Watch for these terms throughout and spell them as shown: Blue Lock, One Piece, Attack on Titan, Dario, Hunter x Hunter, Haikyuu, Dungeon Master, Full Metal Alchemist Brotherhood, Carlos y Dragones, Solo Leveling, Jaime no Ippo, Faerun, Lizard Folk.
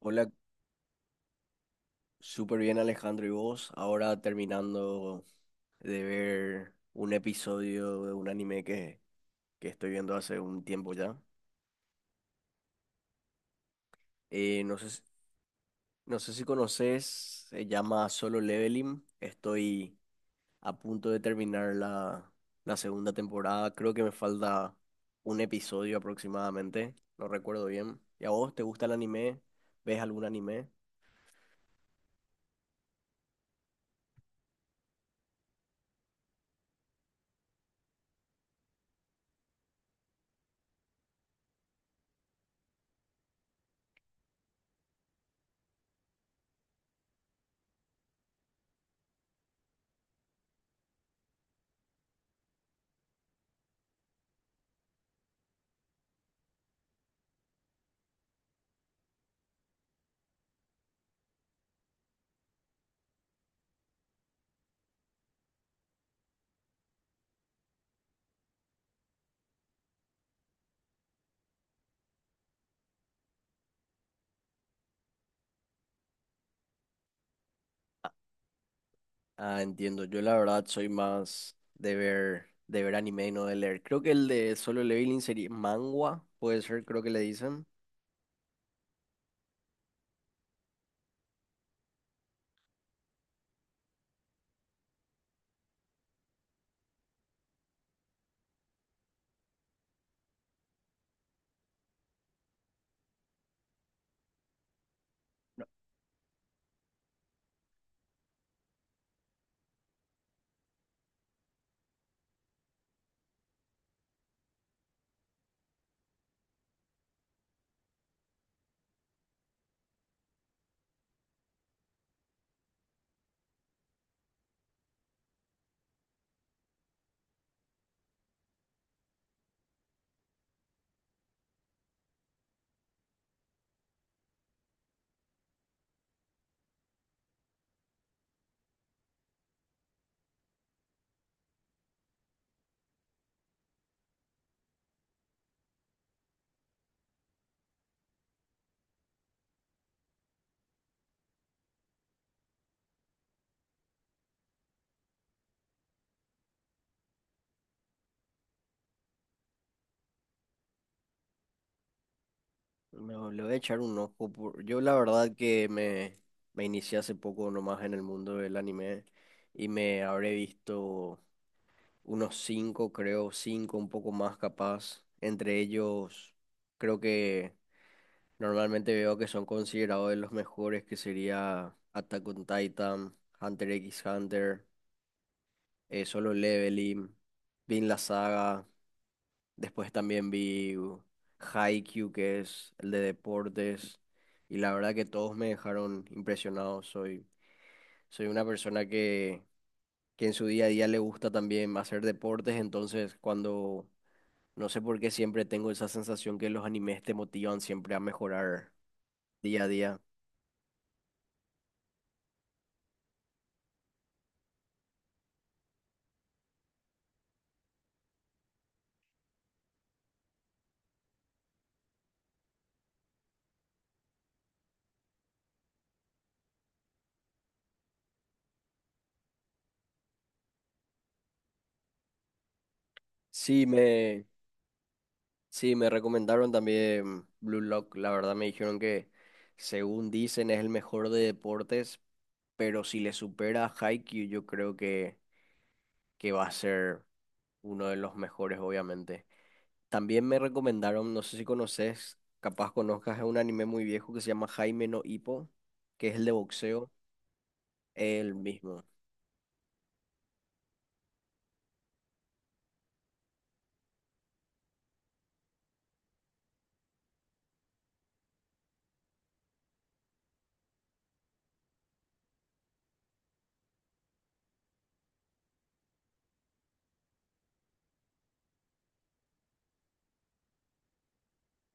Hola, súper bien Alejandro, ¿y vos? Ahora terminando de ver un episodio de un anime que estoy viendo hace un tiempo ya. No sé, no sé si conoces, se llama Solo Leveling. Estoy a punto de terminar la segunda temporada. Creo que me falta un episodio aproximadamente, no recuerdo bien. ¿Y a vos te gusta el anime? ¿Ves algún anime? Ah, entiendo. Yo la verdad soy más de ver anime y no de leer. Creo que el de Solo Leveling sería manga, puede ser, creo que le dicen. Le voy a echar un ojo. Yo la verdad que me inicié hace poco nomás en el mundo del anime y me habré visto unos cinco, creo, cinco, un poco más capaz. Entre ellos, creo que normalmente veo que son considerados de los mejores, que sería Attack on Titan, Hunter x Hunter. Solo Leveling, vi en la saga, después también vi Haikyuu, que es el de deportes, y la verdad que todos me dejaron impresionado. Soy una persona que en su día a día le gusta también hacer deportes, entonces no sé por qué siempre tengo esa sensación que los animes te motivan siempre a mejorar día a día. Sí, me, sí, Me recomendaron también Blue Lock, la verdad me dijeron que según dicen es el mejor de deportes, pero si le supera a Haikyuu, yo creo que va a ser uno de los mejores, obviamente. También me recomendaron, no sé si conoces, capaz conozcas, es un anime muy viejo que se llama Jaime no Ippo, que es el de boxeo, el mismo.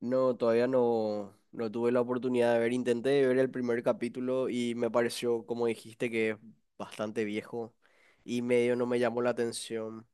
No, todavía no, no tuve la oportunidad de ver, intenté ver el primer capítulo y me pareció, como dijiste, que es bastante viejo y medio no me llamó la atención.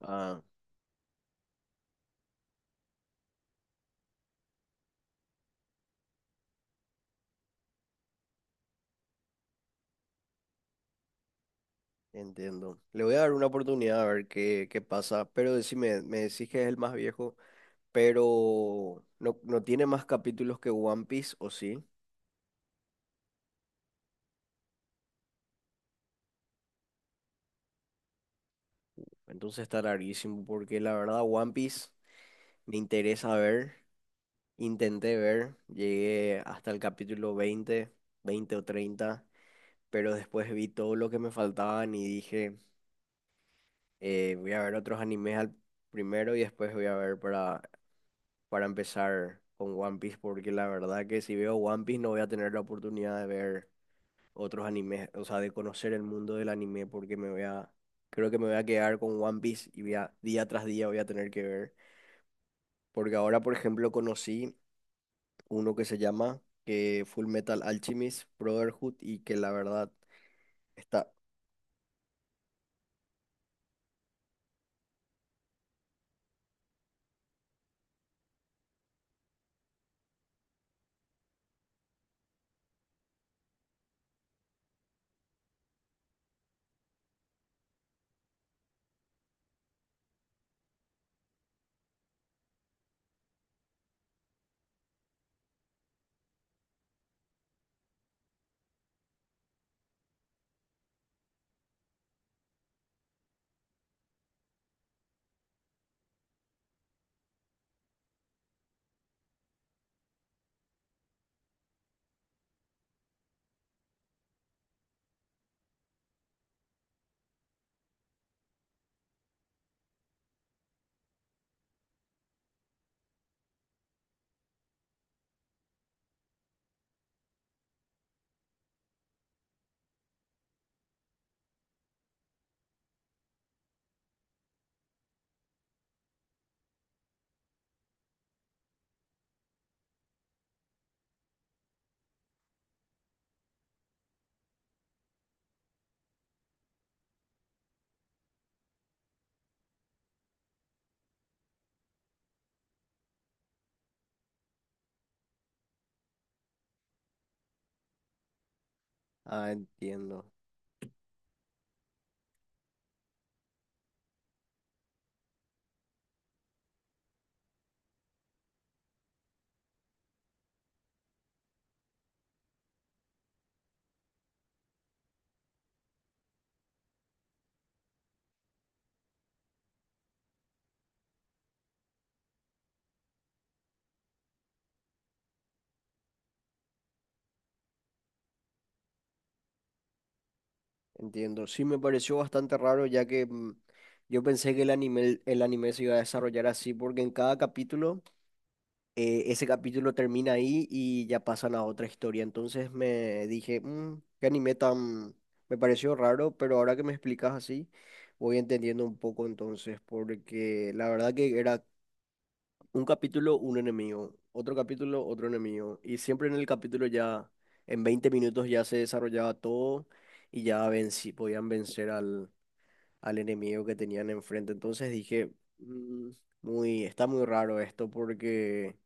Ah, entiendo. Le voy a dar una oportunidad a ver qué, qué pasa, pero decime, me decís que es el más viejo, pero no, no tiene más capítulos que One Piece, ¿o sí? Entonces está larguísimo, porque la verdad One Piece me interesa ver, intenté ver, llegué hasta el capítulo 20 20 o treinta, pero después vi todo lo que me faltaban y dije, voy a ver otros animes al primero y después voy a ver para empezar con One Piece, porque la verdad que si veo One Piece no voy a tener la oportunidad de ver otros animes, o sea, de conocer el mundo del anime, porque creo que me voy a quedar con One Piece y día tras día voy a tener que ver. Porque ahora, por ejemplo, conocí uno que se llama que Full Metal Alchemist Brotherhood y que la verdad está... Ah, entiendo. Sí, me pareció bastante raro ya que yo pensé que el anime se iba a desarrollar así porque en cada capítulo ese capítulo termina ahí y ya pasan a otra historia. Entonces me dije, "Mm, qué anime tan... Me pareció raro, pero ahora que me explicas así, voy entendiendo un poco entonces, porque la verdad que era un capítulo, un enemigo, otro capítulo, otro enemigo. Y siempre en el capítulo ya, en 20 minutos ya se desarrollaba todo y ya vencí, podían vencer al enemigo que tenían enfrente. Entonces dije, "Mm, muy, está muy raro esto porque...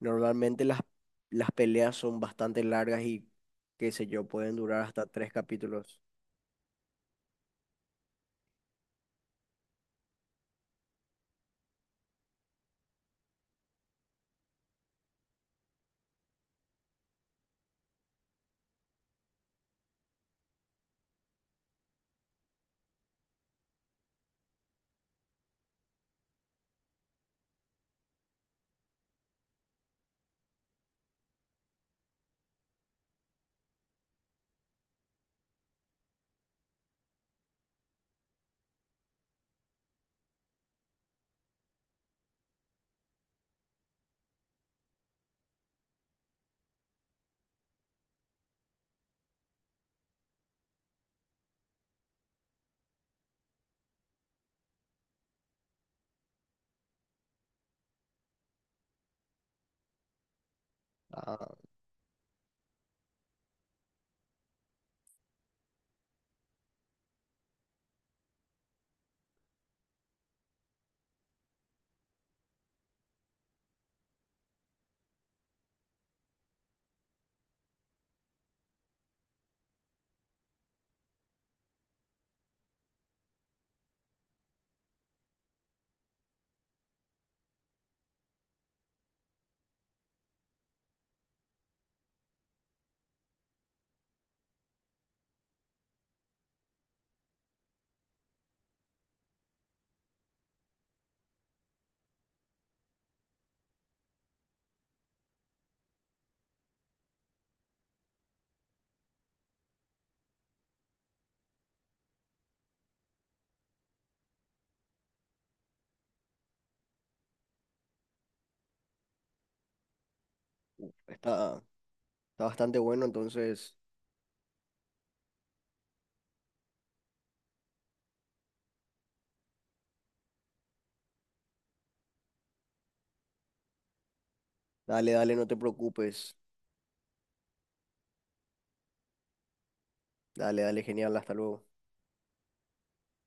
Normalmente las peleas son bastante largas qué sé yo, pueden durar hasta tres capítulos. Ah, está, está bastante bueno, entonces, dale, dale, no te preocupes. Dale, dale, genial, hasta luego.